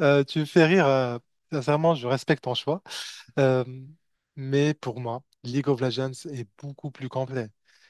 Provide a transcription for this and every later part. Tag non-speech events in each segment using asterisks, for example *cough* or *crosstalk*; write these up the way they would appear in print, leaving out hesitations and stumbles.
Tu me fais rire. Sincèrement, je respecte ton choix. Euh, mais pour moi, League of Legends est beaucoup plus complet.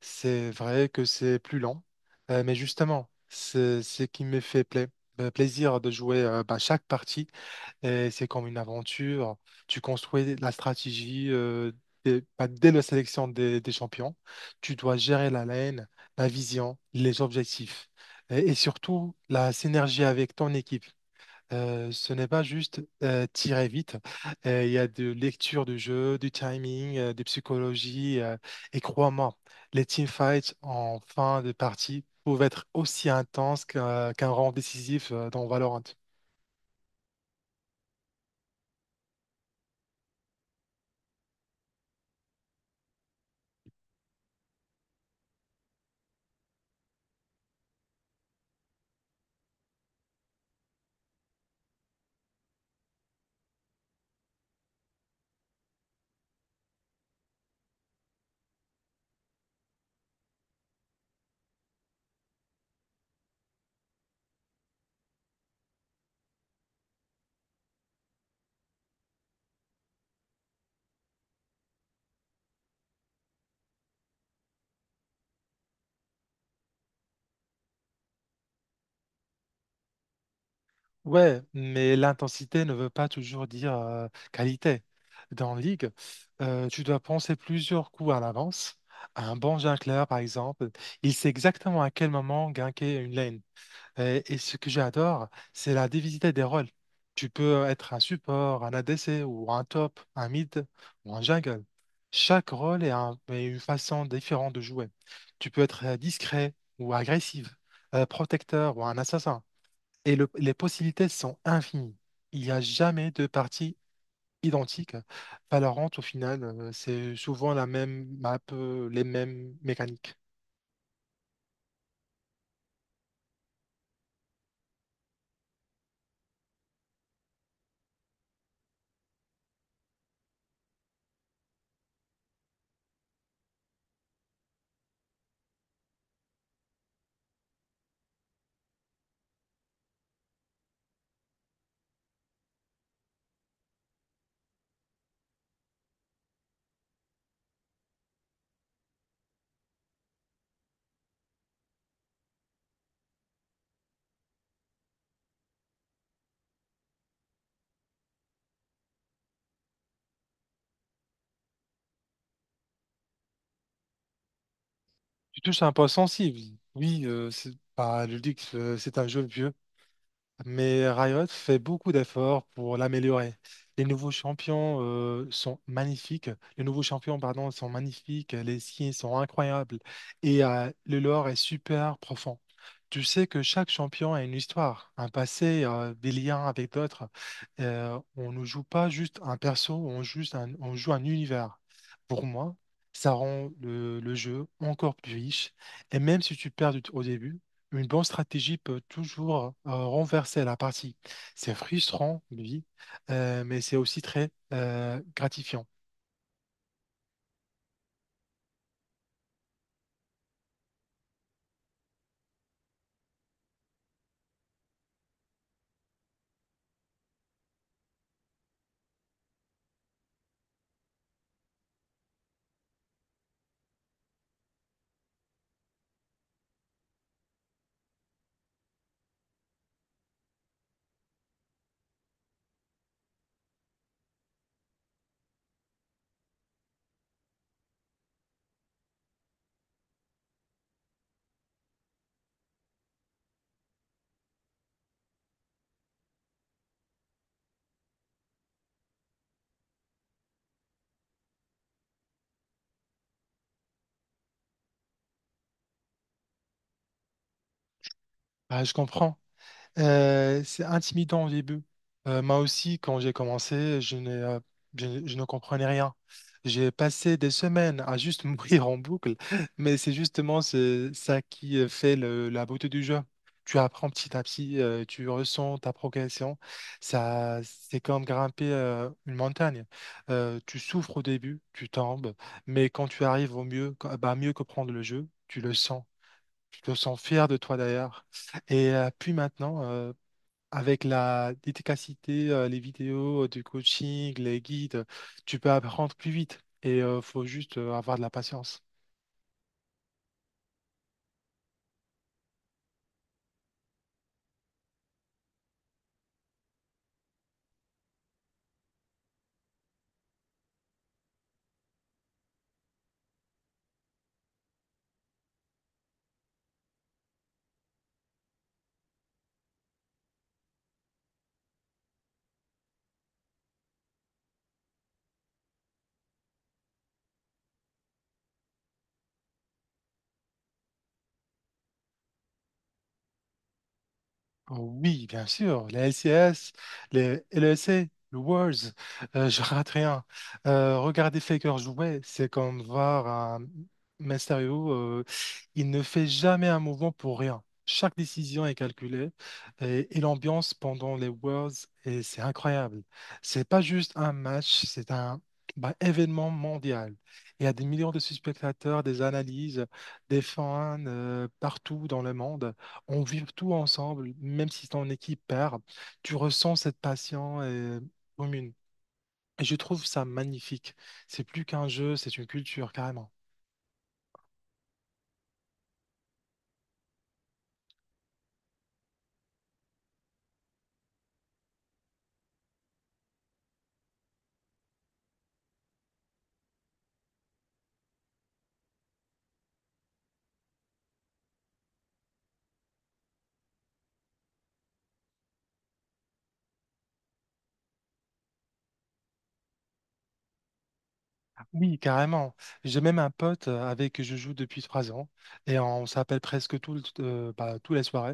C'est vrai que c'est plus lent, mais justement, c'est ce qui me fait plaisir de jouer chaque partie. Et c'est comme une aventure. Tu construis la stratégie dès la sélection des champions. Tu dois gérer la lane, la vision, les objectifs et surtout la synergie avec ton équipe. Ce n'est pas juste tirer vite. Il y a de lecture de jeu, du timing, de psychologie. Et crois-moi, les teamfights en fin de partie peuvent être aussi intenses qu'un round décisif dans Valorant. Ouais, mais l'intensité ne veut pas toujours dire qualité. Dans League, tu dois penser plusieurs coups à l'avance. Un bon jungler, par exemple, il sait exactement à quel moment ganker une lane. Et ce que j'adore, c'est la diversité des rôles. Tu peux être un support, un ADC ou un top, un mid ou un jungle. Chaque rôle est une façon différente de jouer. Tu peux être discret ou agressif, protecteur ou un assassin. Et les possibilités sont infinies. Il n'y a jamais de partie identique. Valorant, au final, c'est souvent la même map, les mêmes mécaniques. Tu touches un point sensible. Oui, c'est pas le luxe, c'est un jeu vieux. Mais Riot fait beaucoup d'efforts pour l'améliorer. Les nouveaux champions sont magnifiques. Les nouveaux champions, pardon, sont magnifiques. Les skins sont incroyables. Et le lore est super profond. Tu sais que chaque champion a une histoire, un passé, des liens avec d'autres. On ne joue pas juste un perso, on joue un univers. Pour moi, ça rend le jeu encore plus riche. Et même si tu perds au début, une bonne stratégie peut toujours renverser la partie. C'est frustrant, lui, mais c'est aussi très gratifiant. Ah, je comprends. C'est intimidant au début. Moi aussi, quand j'ai commencé, je n'ai, je ne comprenais rien. J'ai passé des semaines à juste *laughs* mourir en boucle, mais c'est justement ça qui fait la beauté du jeu. Tu apprends petit à petit, tu ressens ta progression. Ça, c'est comme grimper une montagne. Tu souffres au début, tu tombes, mais quand tu arrives au mieux, bah, mieux comprendre le jeu, tu le sens. Tu te sens fier de toi d'ailleurs. Puis maintenant, avec la dédicacité, les vidéos, du coaching, les guides, tu peux apprendre plus vite et il faut juste avoir de la patience. Ah oui, bien sûr, les LCS, les LEC, le Worlds, *laughs* je rate rien. Regarder Faker jouer, c'est comme voir un Mysterio, il ne fait jamais un mouvement pour rien. Chaque décision est calculée et l'ambiance pendant les Worlds, et c'est incroyable. C'est pas juste un match, c'est un bah, événement mondial. Il y a des millions de spectateurs, des analyses, des fans partout dans le monde on vit tout ensemble, même si c'est en équipe paire, tu ressens cette passion commune. Et je trouve ça magnifique. C'est plus qu'un jeu, c'est une culture, carrément. Oui, carrément. J'ai même un pote avec qui je joue depuis 3 ans et on s'appelle presque bah, tous les soirs.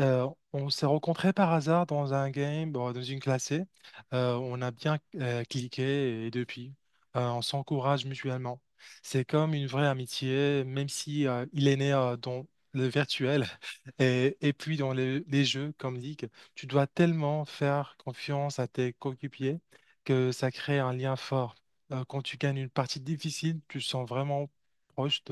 On s'est rencontrés par hasard dans un game, bon, dans une classée. On a bien cliqué et depuis, on s'encourage mutuellement. C'est comme une vraie amitié, même si il est né dans le virtuel *laughs* et puis dans les jeux comme League. Tu dois tellement faire confiance à tes coéquipiers que ça crée un lien fort. Quand tu gagnes une partie difficile, tu te sens vraiment proche.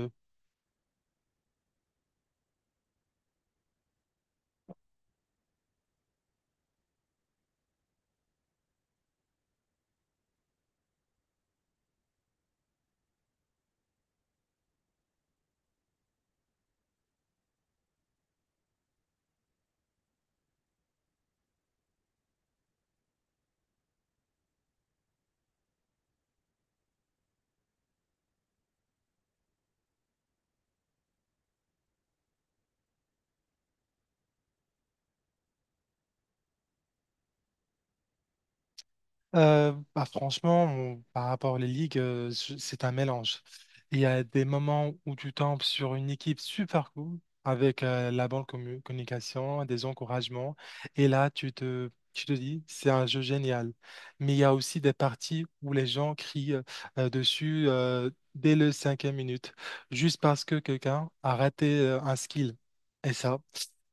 Franchement, par rapport aux ligues, c'est un mélange. Il y a des moments où tu tombes sur une équipe super cool avec la bonne communication, des encouragements, et là, tu te dis, c'est un jeu génial. Mais il y a aussi des parties où les gens crient dessus dès le cinquième minute, juste parce que quelqu'un a raté un skill. Et ça,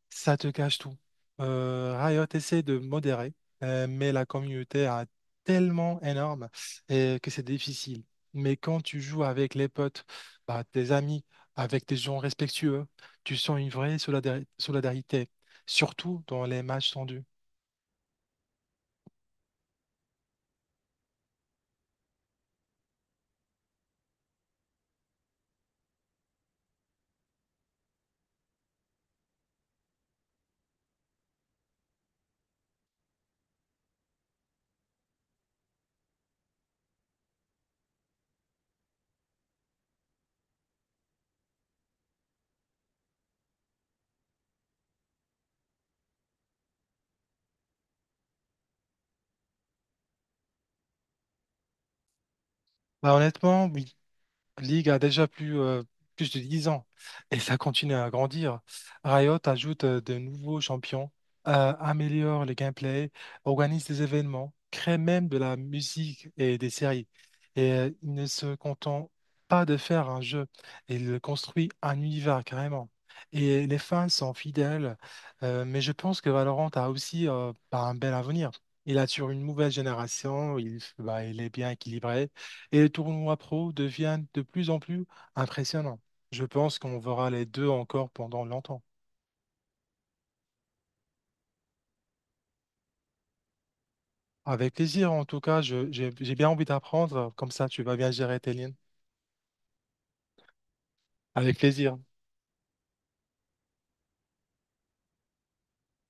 ça te cache tout. Riot essaie de modérer, mais la communauté a tellement énorme et que c'est difficile. Mais quand tu joues avec les potes, bah, tes amis, avec des gens respectueux, tu sens une vraie solidarité, surtout dans les matchs tendus. Bah, honnêtement, oui, League a déjà plus de 10 ans et ça continue à grandir. Riot ajoute de nouveaux champions, améliore le gameplay, organise des événements, crée même de la musique et des séries. Il ne se contente pas de faire un jeu, il construit un univers carrément. Et les fans sont fidèles, mais je pense que Valorant a aussi bah, un bel avenir. Il assure une nouvelle génération, il, bah, il est bien équilibré. Et les tournois pro deviennent de plus en plus impressionnants. Je pense qu'on verra les deux encore pendant longtemps. Avec plaisir, en tout cas, j'ai j'ai bien envie d'apprendre. Comme ça, tu vas bien gérer tes lignes. Avec plaisir.